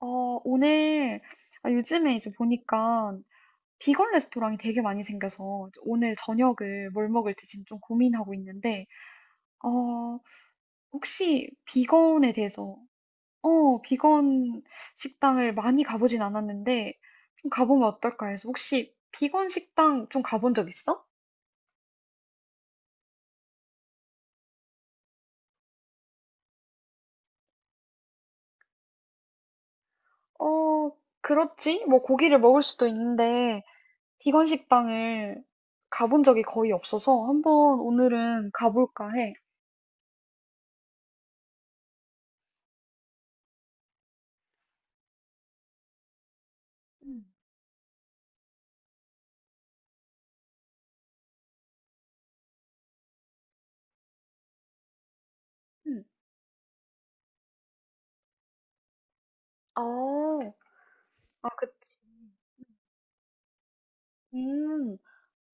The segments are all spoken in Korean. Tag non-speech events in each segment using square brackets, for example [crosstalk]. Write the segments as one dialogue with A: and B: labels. A: 오늘, 요즘에 이제 보니까 비건 레스토랑이 되게 많이 생겨서 오늘 저녁을 뭘 먹을지 지금 좀 고민하고 있는데, 어, 혹시 비건에 대해서, 비건 식당을 많이 가보진 않았는데, 좀 가보면 어떨까 해서 혹시 비건 식당 좀 가본 적 있어? 어, 그렇지. 뭐 고기를 먹을 수도 있는데, 비건 식당을 가본 적이 거의 없어서 한번 오늘은 가볼까 해. 음. 음. 어. 아 그치. 음.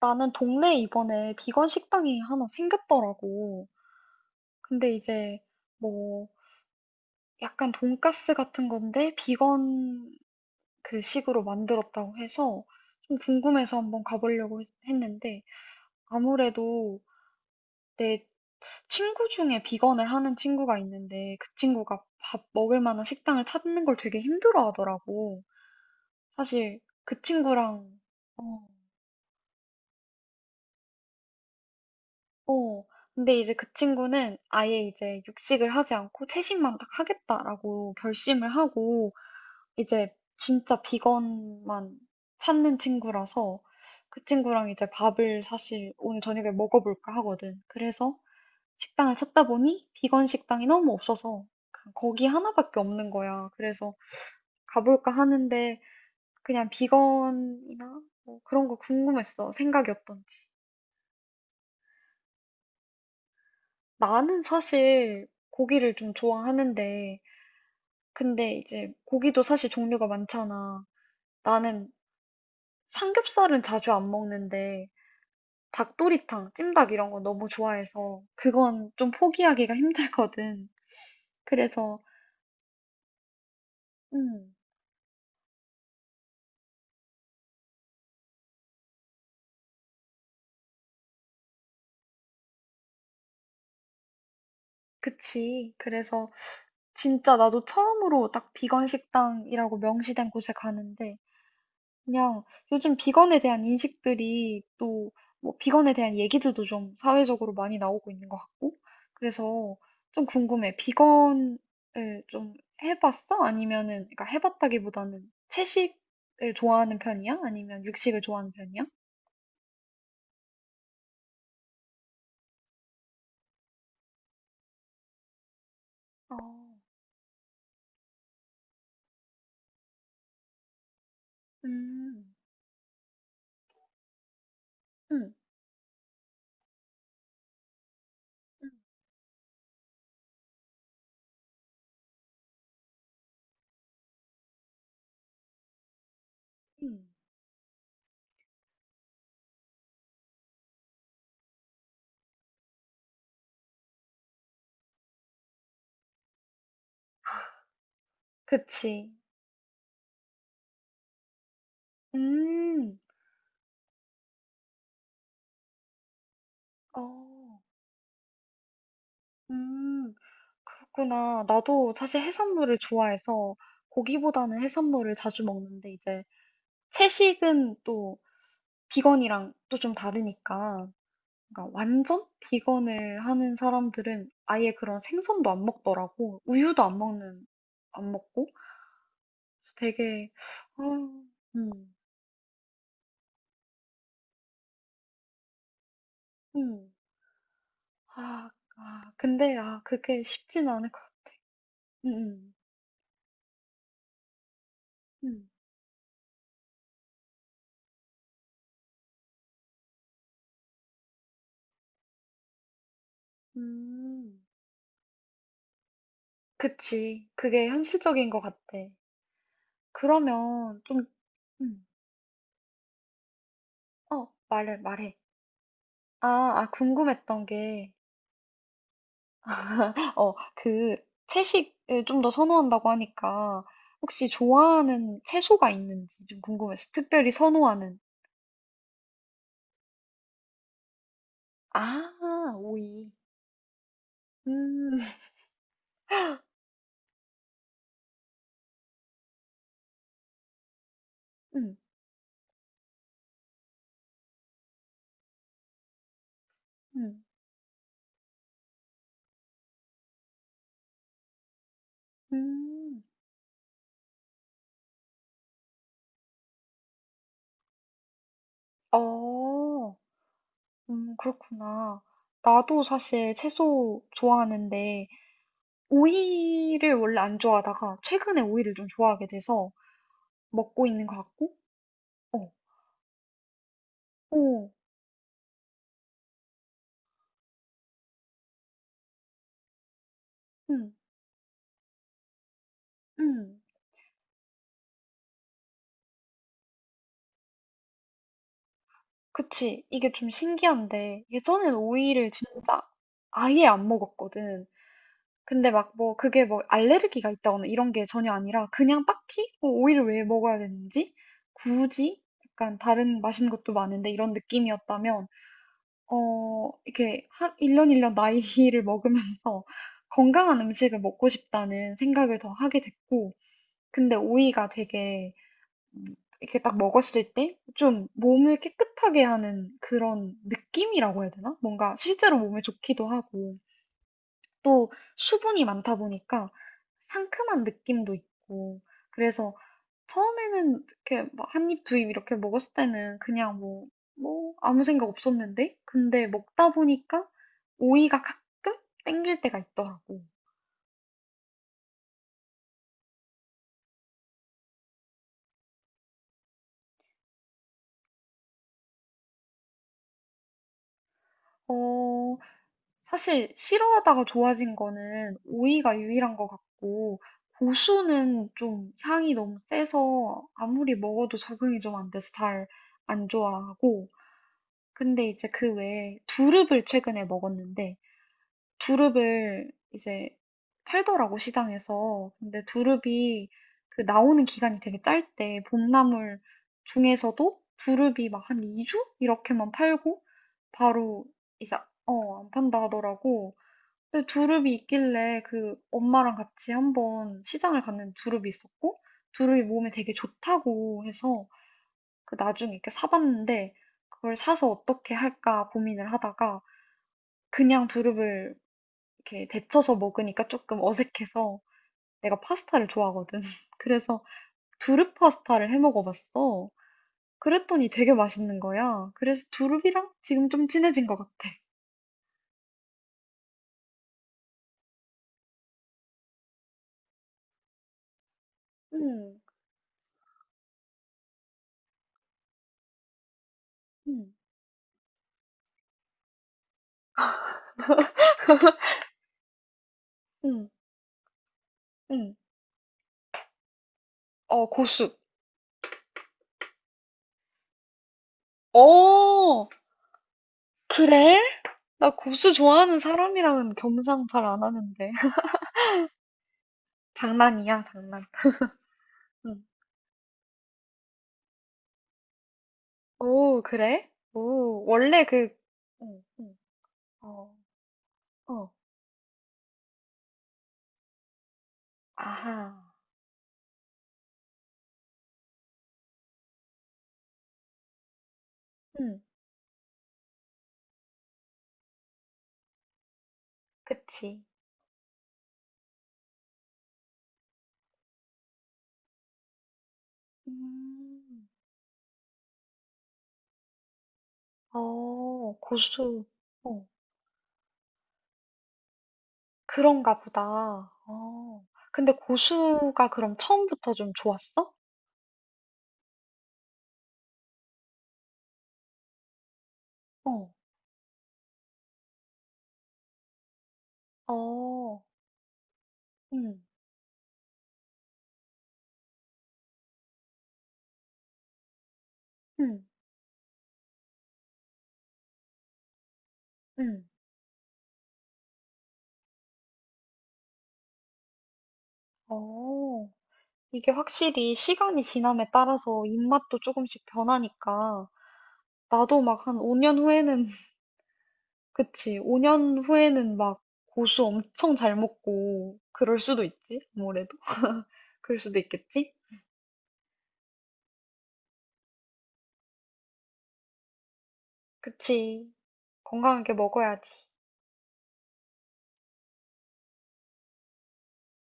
A: 나는 동네에 이번에 비건 식당이 하나 생겼더라고. 근데 이제 뭐 약간 돈가스 같은 건데 비건 그 식으로 만들었다고 해서 좀 궁금해서 한번 가보려고 했는데 아무래도 내 친구 중에 비건을 하는 친구가 있는데 그 친구가 밥 먹을 만한 식당을 찾는 걸 되게 힘들어 하더라고. 사실 그 친구랑. 어, 어. 근데 이제 그 친구는 아예 이제 육식을 하지 않고 채식만 딱 하겠다라고 결심을 하고 이제 진짜 비건만 찾는 친구라서 그 친구랑 이제 밥을 사실 오늘 저녁에 먹어볼까 하거든. 그래서 식당을 찾다 보니 비건 식당이 너무 없어서 그냥 거기 하나밖에 없는 거야. 그래서 가볼까 하는데 그냥 비건이나 뭐 그런 거 궁금했어. 생각이 어떤지. 나는 사실 고기를 좀 좋아하는데, 근데 이제 고기도 사실 종류가 많잖아. 나는 삼겹살은 자주 안 먹는데, 닭도리탕, 찜닭 이런 거 너무 좋아해서, 그건 좀 포기하기가 힘들거든. 그래서, 음, 그치. 그래서 진짜 나도 처음으로 딱 비건 식당이라고 명시된 곳에 가는데, 그냥 요즘 비건에 대한 인식들이 또 뭐 비건에 대한 얘기들도 좀 사회적으로 많이 나오고 있는 것 같고 그래서 좀 궁금해. 비건을 좀 해봤어? 아니면은 그러니까 해봤다기보다는 채식을 좋아하는 편이야? 아니면 육식을 좋아하는 편이야? 어, 음, 음, 음. 음. 그치. 음, 어, 음, 그렇구나. 나도 사실 해산물을 좋아해서 고기보다는 해산물을 자주 먹는데 이제 채식은 또 비건이랑 또 좀 다르니까 그러니까 완전 비건을 하는 사람들은 아예 그런 생선도 안 먹더라고. 우유도 안 먹고. 그래서 되게. 아, 음, 음. 아, 근데 그게 쉽진 않을 것 같아. 음, 음, 음. 그치. 그게 현실적인 것 같아. 그러면 좀. 음. 말해 말해. 아, 궁금했던 게 그 채식을 좀 더 선호한다고 하니까 혹시 좋아하는 채소가 있는지 좀 궁금해서 특별히 선호하는. 아, 오이. 음, 음, 음, 음. 어, 그렇구나. 나도 사실 채소 좋아하는데 오이를 원래 안 좋아하다가 최근에 오이를 좀 좋아하게 돼서 먹고 있는 것 같고, 어, 오, 음, 음. 그치. 이게 좀 신기한데, 예전엔 오이를 진짜 아예 안 먹었거든. 근데 막 뭐, 그게 뭐 알레르기가 있다거나 이런 게 전혀 아니라, 그냥 딱히 뭐 오이를 왜 먹어야 되는지, 굳이 약간 다른 맛있는 것도 많은데 이런 느낌이었다면, 이렇게 1년 1년 나이를 [laughs] 먹으면서 건강한 음식을 먹고 싶다는 생각을 더 하게 됐고, 근데 오이가 되게. 음, 이렇게 딱 먹었을 때 좀 몸을 깨끗하게 하는 그런 느낌이라고 해야 되나? 뭔가 실제로 몸에 좋기도 하고 또 수분이 많다 보니까 상큼한 느낌도 있고 그래서 처음에는 이렇게 막 한 입, 두입 이렇게 먹었을 때는 그냥 뭐 아무 생각 없었는데 근데 먹다 보니까 오이가 가끔 땡길 때가 있더라고. 어, 사실 싫어하다가 좋아진 거는 오이가 유일한 것 같고 고수는 좀 향이 너무 세서 아무리 먹어도 적응이 좀 안 돼서 잘 안 좋아하고 근데 이제 그 외에 두릅을 최근에 먹었는데 두릅을 이제 팔더라고 시장에서 근데 두릅이 그 나오는 기간이 되게 짧대 봄나물 중에서도 두릅이 막 한 2주 이렇게만 팔고 바로 이제 안 판다 하더라고. 근데 두릅이 있길래 그 엄마랑 같이 한번 시장을 갔는데 두릅이 있었고 두릅이 몸에 되게 좋다고 해서 그 나중에 이렇게 사봤는데 그걸 사서 어떻게 할까 고민을 하다가 그냥 두릅을 이렇게 데쳐서 먹으니까 조금 어색해서 내가 파스타를 좋아하거든. [laughs] 그래서 두릅 파스타를 해 먹어봤어. 그랬더니 되게 맛있는 거야. 그래서 두릅이랑 지금 좀 친해진 것 같아. 응, 응, 응, 응. [laughs] 어, 고수. 어! 그래? 나 고수 좋아하는 사람이랑은 겸상 잘 안 하는데. [laughs] 장난이야, 장난. 응. 오, 그래? 오, 원래 그, 응, 응, 어, 어, 아하, 응, 그치. 음, 고수, 어, 그런가 보다. 어, 근데 고수가 그럼 처음부터 좀 좋았어? 어, 어, 응, 응, 응, 어. 이게 확실히 시간이 지남에 따라서 입맛도 조금씩 변하니까 나도 막 한 5년 후에는 [laughs] 그치 5년 후에는 막 고수 엄청 잘 먹고 그럴 수도 있지 아무래도 [laughs] 그럴 수도 있겠지 그치 건강하게 먹어야지.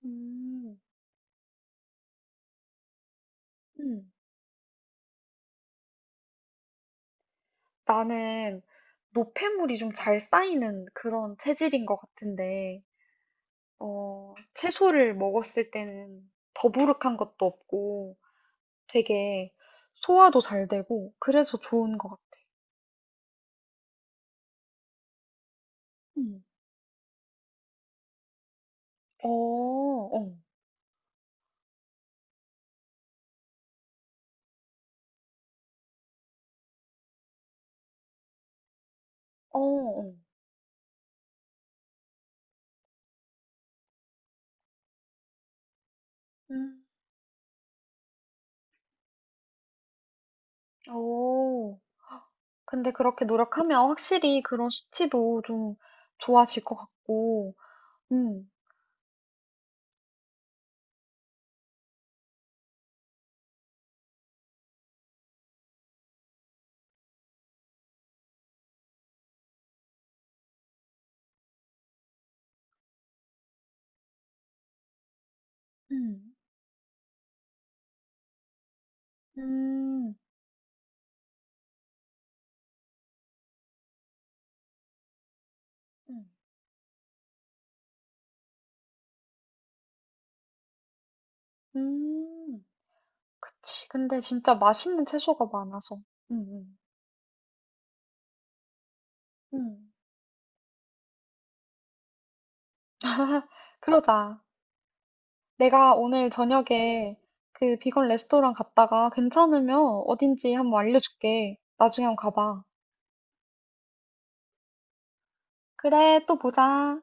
A: 음, 음. 나는 노폐물이 좀 잘 쌓이는 그런 체질인 것 같은데 채소를 먹었을 때는 더부룩한 것도 없고 되게 소화도 잘 되고 그래서 좋은 것 같아. 음. 어, 어, 어, 어. 음. 오. 근데 그렇게 노력하면 확실히 그런 수치도 좀 좋아질 것 같고, 음, 음. 음, 음, 음. 그치. 근데 진짜 맛있는 채소가 많아서, 음, 음. [laughs] 그러자. 내가 오늘 저녁에 그 비건 레스토랑 갔다가 괜찮으면 어딘지 한번 알려줄게. 나중에 한번 가봐. 그래, 또 보자.